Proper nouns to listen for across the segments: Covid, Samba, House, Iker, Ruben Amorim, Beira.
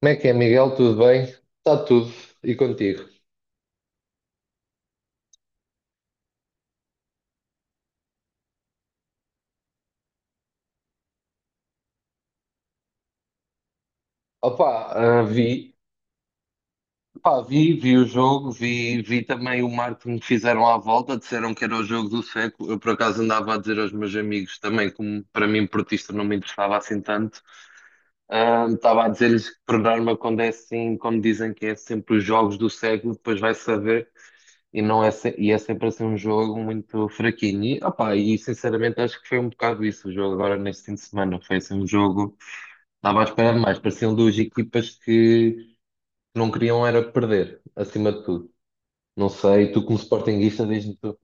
Como é que é, Miguel? Tudo bem? Está tudo. E contigo? Opa, ah, vi, pá, vi, vi o jogo, vi também o marketing que fizeram à volta. Disseram que era o jogo do século. Eu por acaso andava a dizer aos meus amigos também, como para mim portista não me interessava assim tanto. Estava a dizer-lhes que por norma quando é assim, como dizem que é sempre os jogos do século, depois vai saber e não é, e é sempre assim um jogo muito fraquinho. E, opa, e sinceramente acho que foi um bocado isso o jogo agora neste fim de semana, foi assim um jogo. Estava a esperar mais, pareciam duas equipas que não queriam era perder, acima de tudo. Não sei, tu como sportinguista, diz-me tu.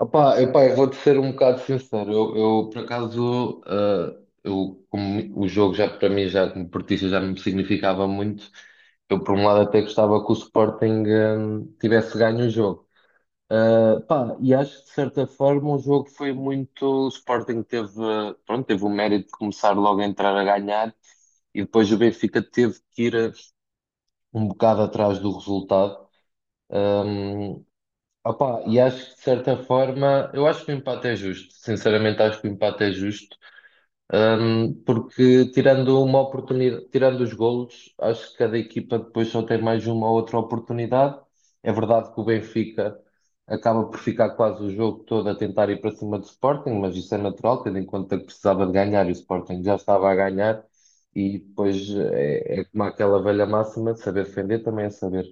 Opá, eu, pá, eu vou-te ser um bocado sincero, eu, por acaso, eu, como o jogo já para mim, já como portista, já não me significava muito, eu por um lado até gostava que o Sporting, tivesse ganho o jogo. Pá, e acho que de certa forma o jogo foi muito. O Sporting teve, pronto, teve o mérito de começar logo a entrar a ganhar, e depois o Benfica teve que ir um bocado atrás do resultado. Um, opá, e acho que de certa forma, eu acho que o empate é justo. Sinceramente, acho que o empate é justo. Porque tirando uma oportunidade, tirando os golos, acho que cada equipa depois só tem mais uma ou outra oportunidade. É verdade que o Benfica acaba por ficar quase o jogo todo a tentar ir para cima do Sporting, mas isso é natural, tendo em conta que precisava de ganhar e o Sporting já estava a ganhar. E depois é, é como aquela velha máxima de saber defender também é saber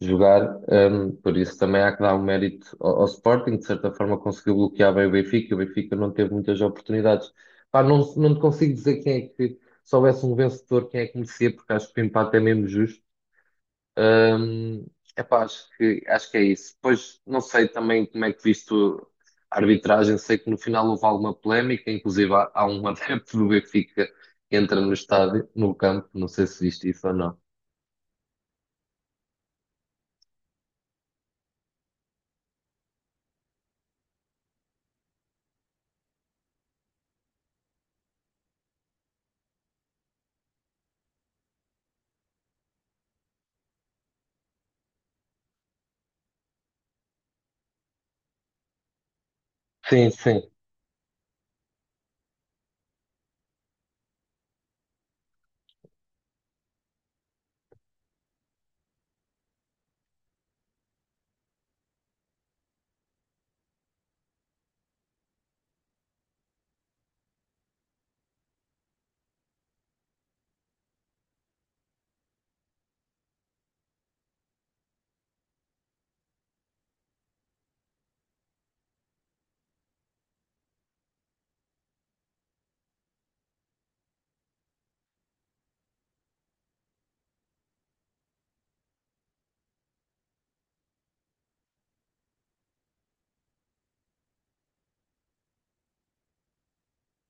jogar. Por isso também há que dar um mérito ao, ao Sporting, de certa forma conseguiu bloquear bem o Benfica. O Benfica não teve muitas oportunidades. Pá, não, não te consigo dizer quem é que, se houvesse um vencedor, quem é que merecia, porque acho que o empate é mesmo justo. Hum, epá, acho que é isso. Depois, não sei também como é que viste a arbitragem, sei que no final houve alguma polémica, inclusive há, há um adepto do Benfica que entra no estádio, no campo, não sei se viste isso ou não. Sim, sim.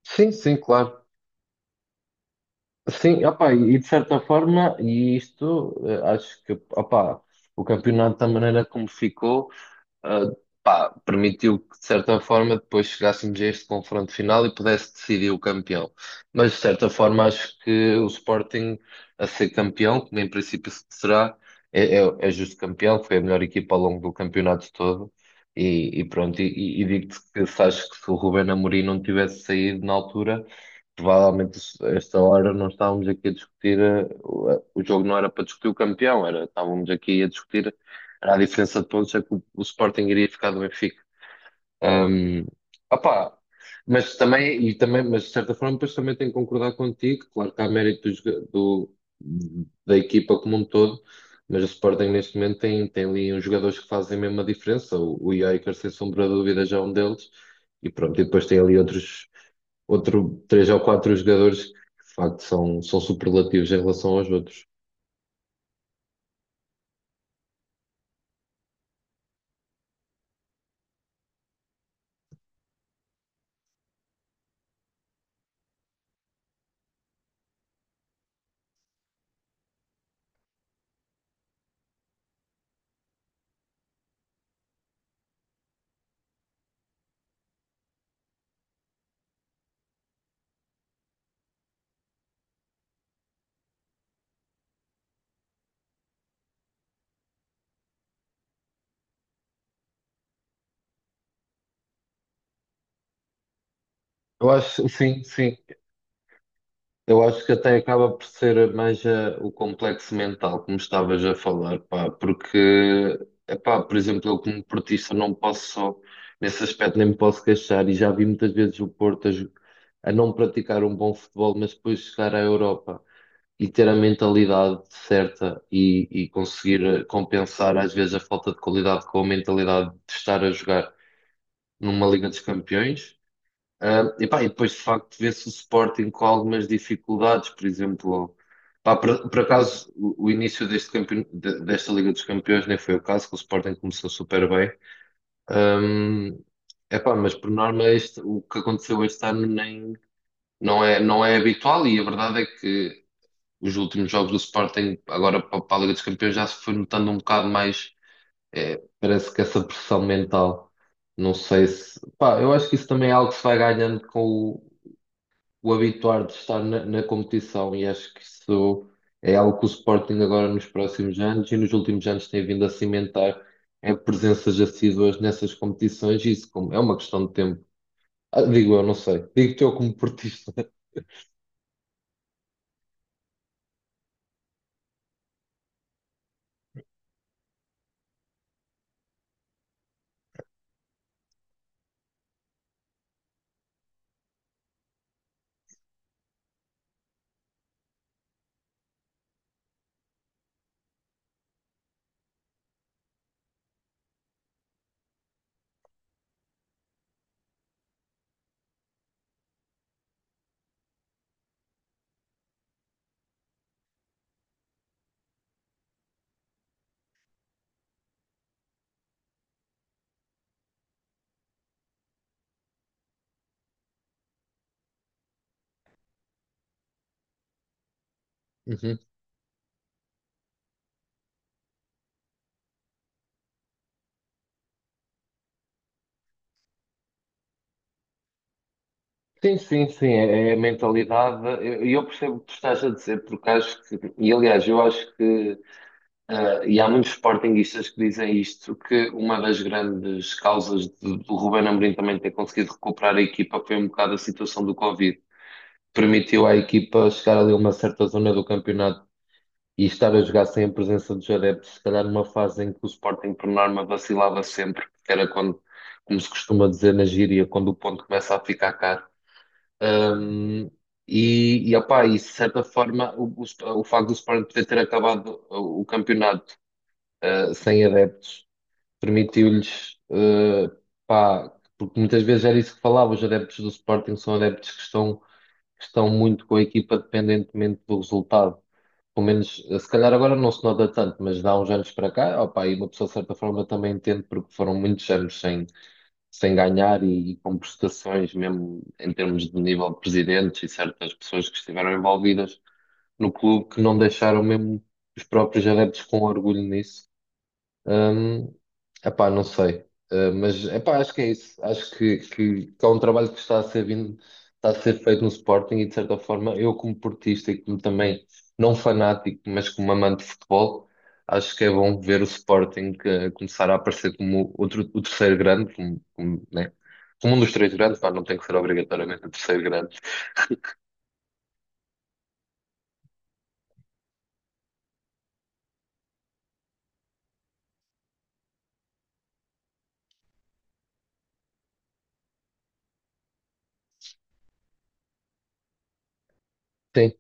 Sim, sim, claro. Sim, opá, e de certa forma, e isto, acho que, opá, o campeonato da maneira como ficou, ah, pá, permitiu que, de certa forma, depois chegássemos a este confronto final e pudesse decidir o campeão. Mas, de certa forma, acho que o Sporting a ser campeão, como em princípio se será, é, é, é justo campeão, foi a melhor equipa ao longo do campeonato todo. E pronto, e digo-te que se acho que se o Ruben Amorim não tivesse saído na altura, provavelmente a esta hora não estávamos aqui a discutir, o, o jogo não era para discutir o campeão, era, estávamos aqui a discutir era a diferença de pontos é que o Sporting iria ficar do Benfica. Hum, opá, mas também, e também, mas de certa forma, depois também tenho que concordar contigo. Claro que há mérito do, da equipa como um todo, mas o Sporting neste momento tem, tem ali uns jogadores que fazem mesmo a diferença. O Iker, sem sombra de dúvida, já é um deles. E pronto, e depois tem ali outros, outro, três ou quatro jogadores que de facto são, são superlativos em relação aos outros. Eu acho, sim, sim. Eu acho que até acaba por ser mais o complexo mental, como estavas a falar, pá, porque, epá, por exemplo, eu como portista não posso, nesse aspecto nem me posso queixar, e já vi muitas vezes o Porto a, a não praticar um bom futebol, mas depois chegar à Europa e ter a mentalidade certa e conseguir compensar às vezes a falta de qualidade com a mentalidade de estar a jogar numa Liga dos Campeões. Ah, e, pá, e depois, de facto, vê-se o Sporting com algumas dificuldades, por exemplo, pá, por acaso, o início desta Liga dos Campeões nem foi o caso, que o Sporting começou super bem. Ah, epá, mas por norma, o que aconteceu este ano nem, não é, não é habitual, e a verdade é que os últimos jogos do Sporting, agora para, para a Liga dos Campeões, já se foi notando um bocado mais, parece que essa pressão mental. Não sei se. Pá, eu acho que isso também é algo que se vai ganhando com o o habituar de estar na, na competição e acho que isso é algo que o Sporting agora nos próximos anos e nos últimos anos tem vindo a cimentar é presenças assíduas nessas competições e isso como é uma questão de tempo. Ah, digo eu, não sei. Digo-te eu como portista. Uhum. Sim, sim, sim, é, é a mentalidade. E eu percebo o que tu estás a dizer, porque acho que, e aliás, eu acho que e há muitos sportinguistas que dizem isto, que uma das grandes causas do Ruben Amorim também ter conseguido recuperar a equipa foi um bocado a situação do Covid. Permitiu à equipa chegar ali a uma certa zona do campeonato e estar a jogar sem a presença dos adeptos, se calhar numa fase em que o Sporting, por norma, vacilava sempre, que era quando, como se costuma dizer na gíria, quando o ponto começa a ficar caro. Um, e, opá, e de certa forma, o facto do Sporting poder ter acabado o campeonato sem adeptos, permitiu-lhes, pá, porque muitas vezes era isso que falava, os adeptos do Sporting são adeptos que estão muito com a equipa dependentemente do resultado. Pelo menos, se calhar agora não se nota tanto, mas dá uns anos para cá, opá, e uma pessoa de certa forma também entende, porque foram muitos anos sem, sem ganhar e, com prestações, mesmo em termos de nível de presidentes e certas pessoas que estiveram envolvidas no clube, que não deixaram mesmo os próprios adeptos com orgulho nisso. Hum, epá, não sei. Mas epá, acho que é isso. Acho que há um trabalho que está a ser vindo, está a ser feito no Sporting e de certa forma eu como portista e como também não fanático, mas como amante de futebol, acho que é bom ver o Sporting começar a aparecer como outro, o terceiro grande, como, como, né? Como um dos três grandes, pá, não tem que ser obrigatoriamente o terceiro grande. Sim.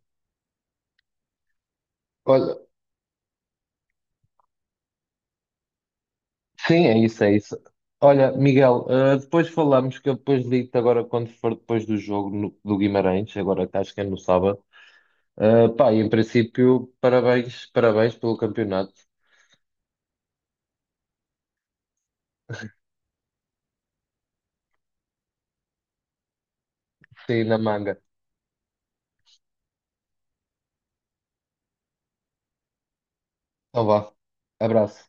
Olha, sim, é isso, é isso. Olha, Miguel, ah, depois falamos que eu depois ligo-te agora quando for depois do jogo do Guimarães, agora que acho que é no sábado. Ah, pá, e em princípio, parabéns, parabéns pelo campeonato. Sim, na manga. Então vá. Abraço.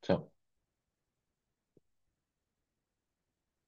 Tchau.